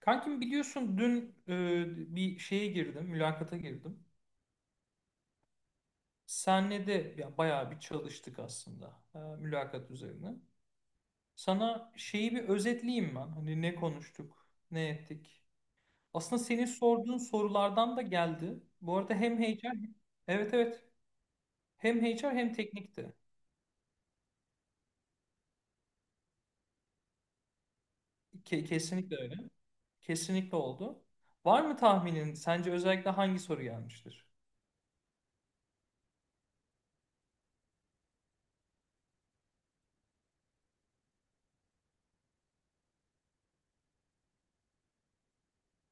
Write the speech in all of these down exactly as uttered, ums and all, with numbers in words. Kankim biliyorsun dün e, bir şeye girdim, mülakata girdim. Senle de ya, bayağı bir çalıştık aslında e, mülakat üzerine. Sana şeyi bir özetleyeyim ben. Hani ne konuştuk, ne ettik. Aslında senin sorduğun sorulardan da geldi. Bu arada hem H R, evet evet. Hem H R hem teknikti. Ke- kesinlikle öyle. Kesinlikle oldu. Var mı tahminin? Sence özellikle hangi soru gelmiştir?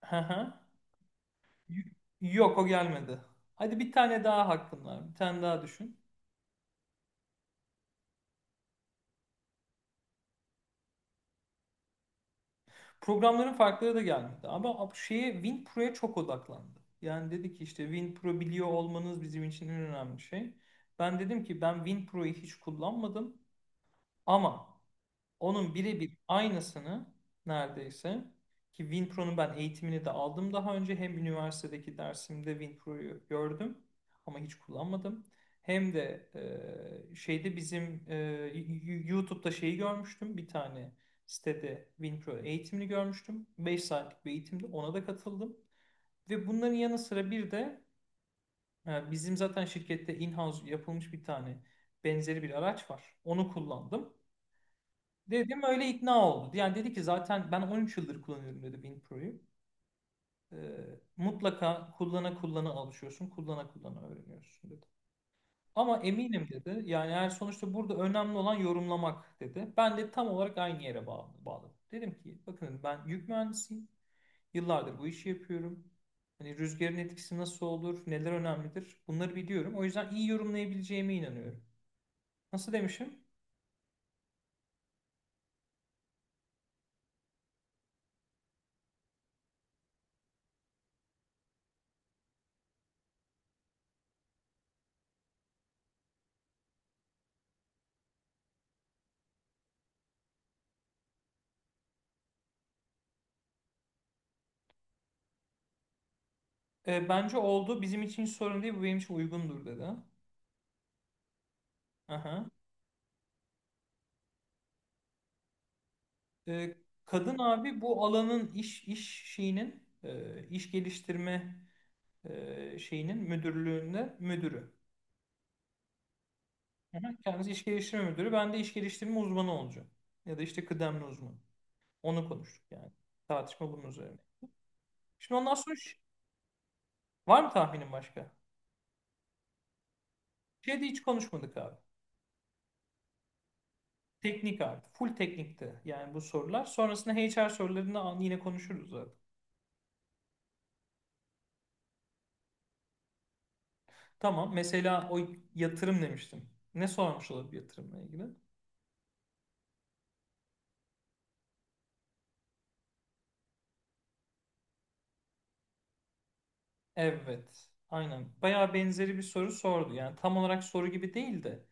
Y- Yok o gelmedi. Hadi bir tane daha hakkın var. Bir tane daha düşün. Programların farkları da gelmedi. Ama şeye WinPro'ya çok odaklandı. Yani dedi ki işte WinPro biliyor olmanız bizim için en önemli şey. Ben dedim ki ben WinPro'yu hiç kullanmadım ama onun birebir aynısını neredeyse ki WinPro'nun ben eğitimini de aldım daha önce. Hem üniversitedeki dersimde WinPro'yu gördüm ama hiç kullanmadım. Hem de e, şeyde bizim e, y- YouTube'da şeyi görmüştüm. Bir tane sitede WinPro eğitimini görmüştüm. Beş saatlik bir eğitimde ona da katıldım. Ve bunların yanı sıra bir de e, bizim zaten şirkette in-house yapılmış bir tane benzeri bir araç var. Onu kullandım. Dedim öyle ikna oldu. Yani dedi ki zaten ben on üç yıldır kullanıyorum dedi WinPro'yu. Ee, Mutlaka kullana kullana alışıyorsun, kullana kullana öğreniyorsun dedi. Ama eminim dedi. Yani eğer sonuçta burada önemli olan yorumlamak dedi. Ben de tam olarak aynı yere bağ- bağladım. Dedim ki bakın ben yük mühendisiyim. Yıllardır bu işi yapıyorum. Hani rüzgarın etkisi nasıl olur, neler önemlidir bunları biliyorum. O yüzden iyi yorumlayabileceğime inanıyorum. Nasıl demişim? "E, bence oldu. Bizim için hiç sorun değil. Bu benim için uygundur dedi. Aha. E, Kadın abi bu alanın iş iş şeyinin e, iş geliştirme e, şeyinin müdürlüğünde müdürü. Hı hı. Kendisi iş geliştirme müdürü. Ben de iş geliştirme uzmanı olacağım. Ya da işte kıdemli uzman. Onu konuştuk yani. Tartışma bunun üzerine. Şimdi ondan sonra ş- var mı tahminin başka? Şey de hiç konuşmadık abi. Teknik abi. Full teknikti yani bu sorular. Sonrasında H R sorularını an- yine konuşuruz zaten. Tamam. Mesela o yatırım demiştim. Ne sormuş olabilir yatırımla ilgili? Evet, aynen. Bayağı benzeri bir soru sordu. Yani tam olarak soru gibi değil de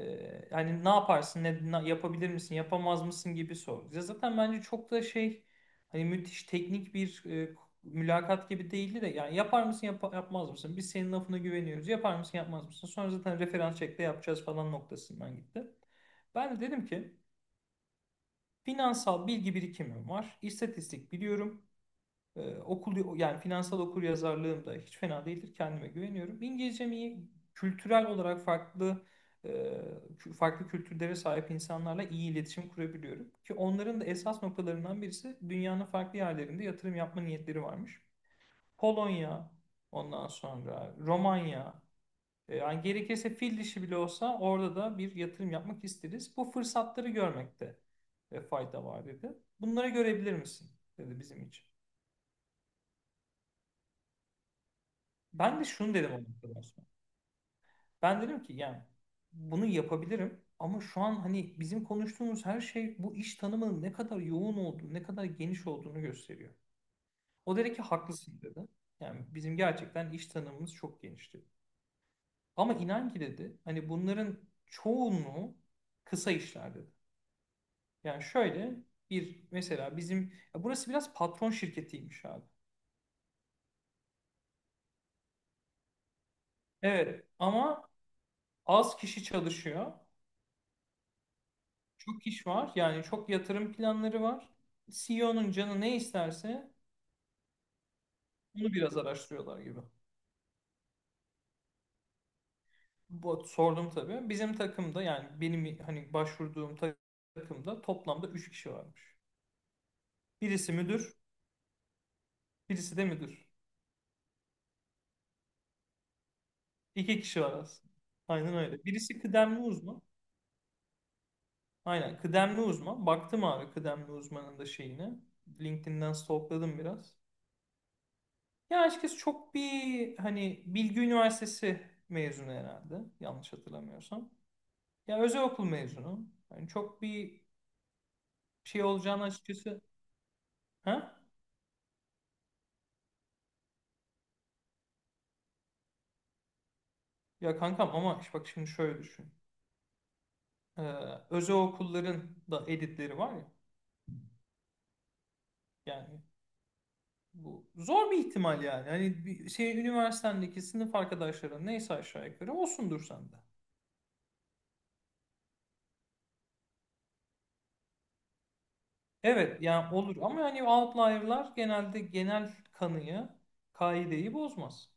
e, hani ne yaparsın, ne, na- yapabilir misin, yapamaz mısın gibi sordu. Ya zaten bence çok da şey hani müthiş teknik bir e, mülakat gibi değildi de yani yapar mısın, yapa- yapmaz mısın? Biz senin lafına güveniyoruz. Yapar mısın, yapmaz mısın? Sonra zaten referans çekte yapacağız falan noktasından gitti. Ben de dedim ki finansal bilgi birikimim var. İstatistik biliyorum. Ee, okul yani finansal okuryazarlığım da hiç fena değildir. Kendime güveniyorum. İngilizcem iyi. Kültürel olarak farklı e, kü- farklı kültürlere sahip insanlarla iyi iletişim kurabiliyorum. Ki onların da esas noktalarından birisi dünyanın farklı yerlerinde yatırım yapma niyetleri varmış. Polonya, ondan sonra Romanya, e, yani gerekirse fil dişi bile olsa orada da bir yatırım yapmak isteriz. Bu fırsatları görmekte e, fayda var dedi. Bunları görebilir misin, dedi bizim için. Ben de şunu dedim o noktada Osman. Ben dedim ki yani bunu yapabilirim ama şu an hani bizim konuştuğumuz her şey bu iş tanımının ne kadar yoğun olduğunu, ne kadar geniş olduğunu gösteriyor. O dedi ki haklısın dedi. Yani bizim gerçekten iş tanımımız çok genişti. Ama inan ki dedi hani bunların çoğunluğu kısa işler dedi. Yani şöyle bir mesela bizim ya burası biraz patron şirketiymiş abi. Evet ama az kişi çalışıyor. Çok iş var. Yani çok yatırım planları var. C E O'nun canı ne isterse onu biraz araştırıyorlar gibi. Bu, sordum tabii. Bizim takımda yani benim hani başvurduğum ta- takımda toplamda üç kişi varmış. Birisi müdür, birisi de müdür. iki kişi var aslında. Aynen öyle. Birisi kıdemli uzman. Aynen kıdemli uzman. Baktım abi kıdemli uzmanın da şeyine. LinkedIn'den stalkladım biraz. Ya açıkçası çok bir hani Bilgi Üniversitesi mezunu herhalde yanlış hatırlamıyorsam. Ya özel okul mezunu. Yani çok bir şey olacağını açıkçası. Ha? Ya kankam ama işte bak şimdi şöyle düşün. Ee, Özel okulların da editleri var ya. Yani bu zor bir ihtimal yani. Hani bir şey üniversitendeki sınıf arkadaşların neyse aşağı yukarı olsundur sende. Evet yani olur ama hani outlier'lar genelde genel kanıyı, kaideyi bozmaz.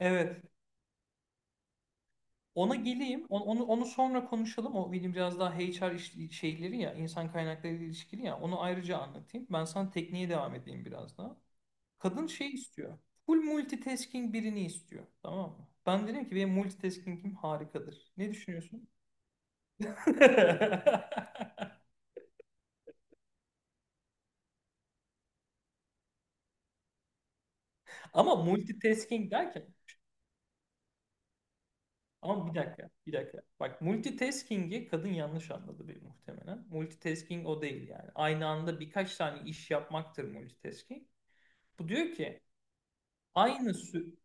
Evet. Ona geleyim. Onu, onu, onu sonra konuşalım. O benim biraz daha H R iş- şeyleri ya, insan kaynakları ile ilişkili ya. Onu ayrıca anlatayım. Ben sana tekniğe devam edeyim biraz daha. Kadın şey istiyor. Full multitasking birini istiyor. Tamam mı? Ben dedim ki benim multitasking'im harikadır. Ne düşünüyorsun? Ama multitasking derken ama bir dakika, bir dakika. Bak multitasking'i kadın yanlış anladı bir muhtemelen. Multitasking o değil yani. Aynı anda birkaç tane iş yapmaktır multitasking. Bu diyor ki, Aynı sü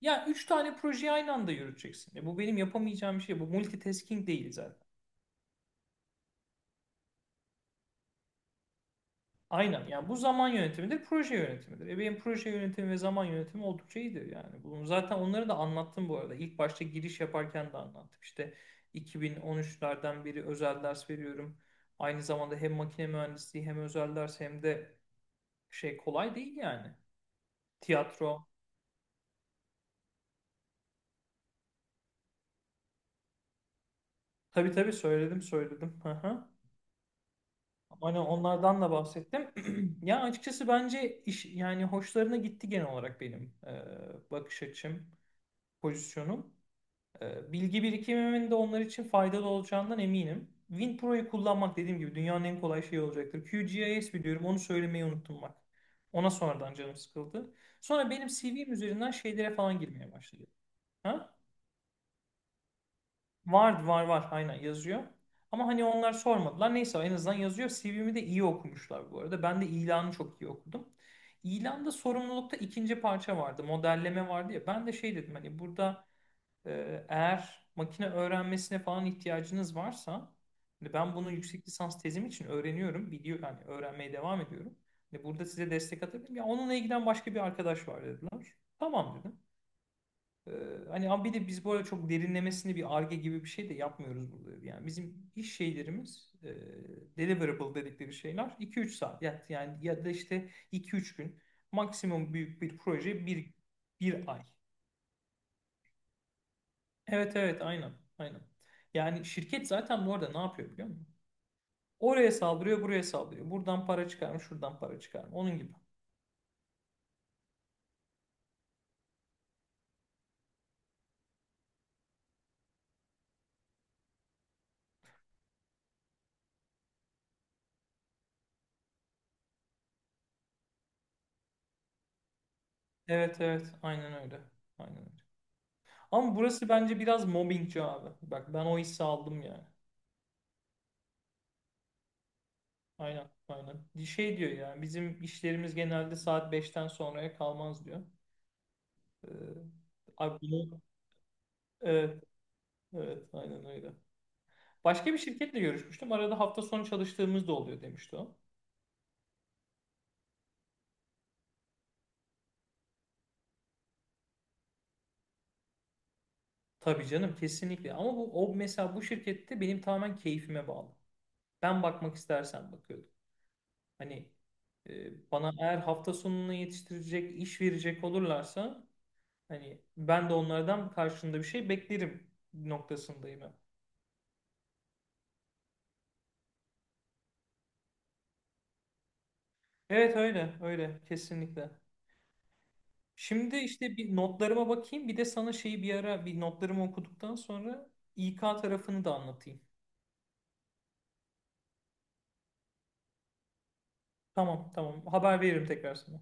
ya üç tane projeyi aynı anda yürüteceksin. E bu benim yapamayacağım bir şey. Bu multitasking değil zaten. Aynen. Yani bu zaman yönetimidir, proje yönetimidir. E benim proje yönetimi ve zaman yönetimi oldukça iyidir yani. Bunu zaten onları da anlattım bu arada. İlk başta giriş yaparken de anlattım. İşte iki bin on üçlerden beri özel ders veriyorum. Aynı zamanda hem makine mühendisliği hem özel ders hem de şey kolay değil yani. Tiyatro. Tabii tabii söyledim söyledim. Hani onlardan da bahsettim. Ya açıkçası bence iş yani hoşlarına gitti genel olarak benim e, bakış açım, pozisyonum. E, bilgi birikimimin de onlar için faydalı olacağından eminim. WinPro'yu kullanmak dediğim gibi dünyanın en kolay şeyi olacaktır. Q G I S biliyorum onu söylemeyi unuttum bak. Ona sonradan canım sıkıldı. Sonra benim C V'm üzerinden şeylere falan girmeye başladı. Ha? Var var var aynen yazıyor. Ama hani onlar sormadılar. Neyse en azından yazıyor. C V'mi de iyi okumuşlar bu arada. Ben de ilanı çok iyi okudum. İlanda sorumlulukta ikinci parça vardı. Modelleme vardı ya. Ben de şey dedim hani burada e, eğer makine öğrenmesine falan ihtiyacınız varsa hani ben bunu yüksek lisans tezim için öğreniyorum. Biliyor yani öğrenmeye devam ediyorum. Hani burada size destek atabilirim. Ya onunla ilgilen başka bir arkadaş var dediler. Tamam dedim. Ee, Hani ama bir de biz bu arada çok derinlemesine bir arge gibi bir şey de yapmıyoruz burada. Yani bizim iş şeylerimiz e, deliverable dedikleri şeyler iki üç saat ya- yani ya da işte iki üç gün maksimum büyük bir proje, bir, bir ay. Evet evet aynen aynen. Yani şirket zaten bu arada ne yapıyor biliyor musun? Oraya saldırıyor buraya saldırıyor. Buradan para çıkar mı şuradan para çıkar mı onun gibi. Evet evet aynen öyle. Aynen öyle. Ama burası bence biraz mobbingci abi. Bak ben o hissi aldım yani. Aynen, aynen. Şey diyor ya, bizim işlerimiz genelde saat beşten sonraya kalmaz diyor. Ee, Abi bunu, evet, evet, aynen öyle. Başka bir şirketle görüşmüştüm. Arada hafta sonu çalıştığımız da oluyor demişti o. Tabii canım, kesinlikle. Ama bu o mesela bu şirkette benim tamamen keyfime bağlı. Ben bakmak istersen bakıyordum. Hani e, bana eğer hafta sonunu yetiştirecek, iş verecek olurlarsa hani ben de onlardan karşında bir şey beklerim noktasındayım. Evet öyle öyle kesinlikle. Şimdi işte bir notlarıma bakayım bir de sana şeyi bir ara bir notlarımı okuduktan sonra İK tarafını da anlatayım. Tamam tamam haber veririm tekrar sana.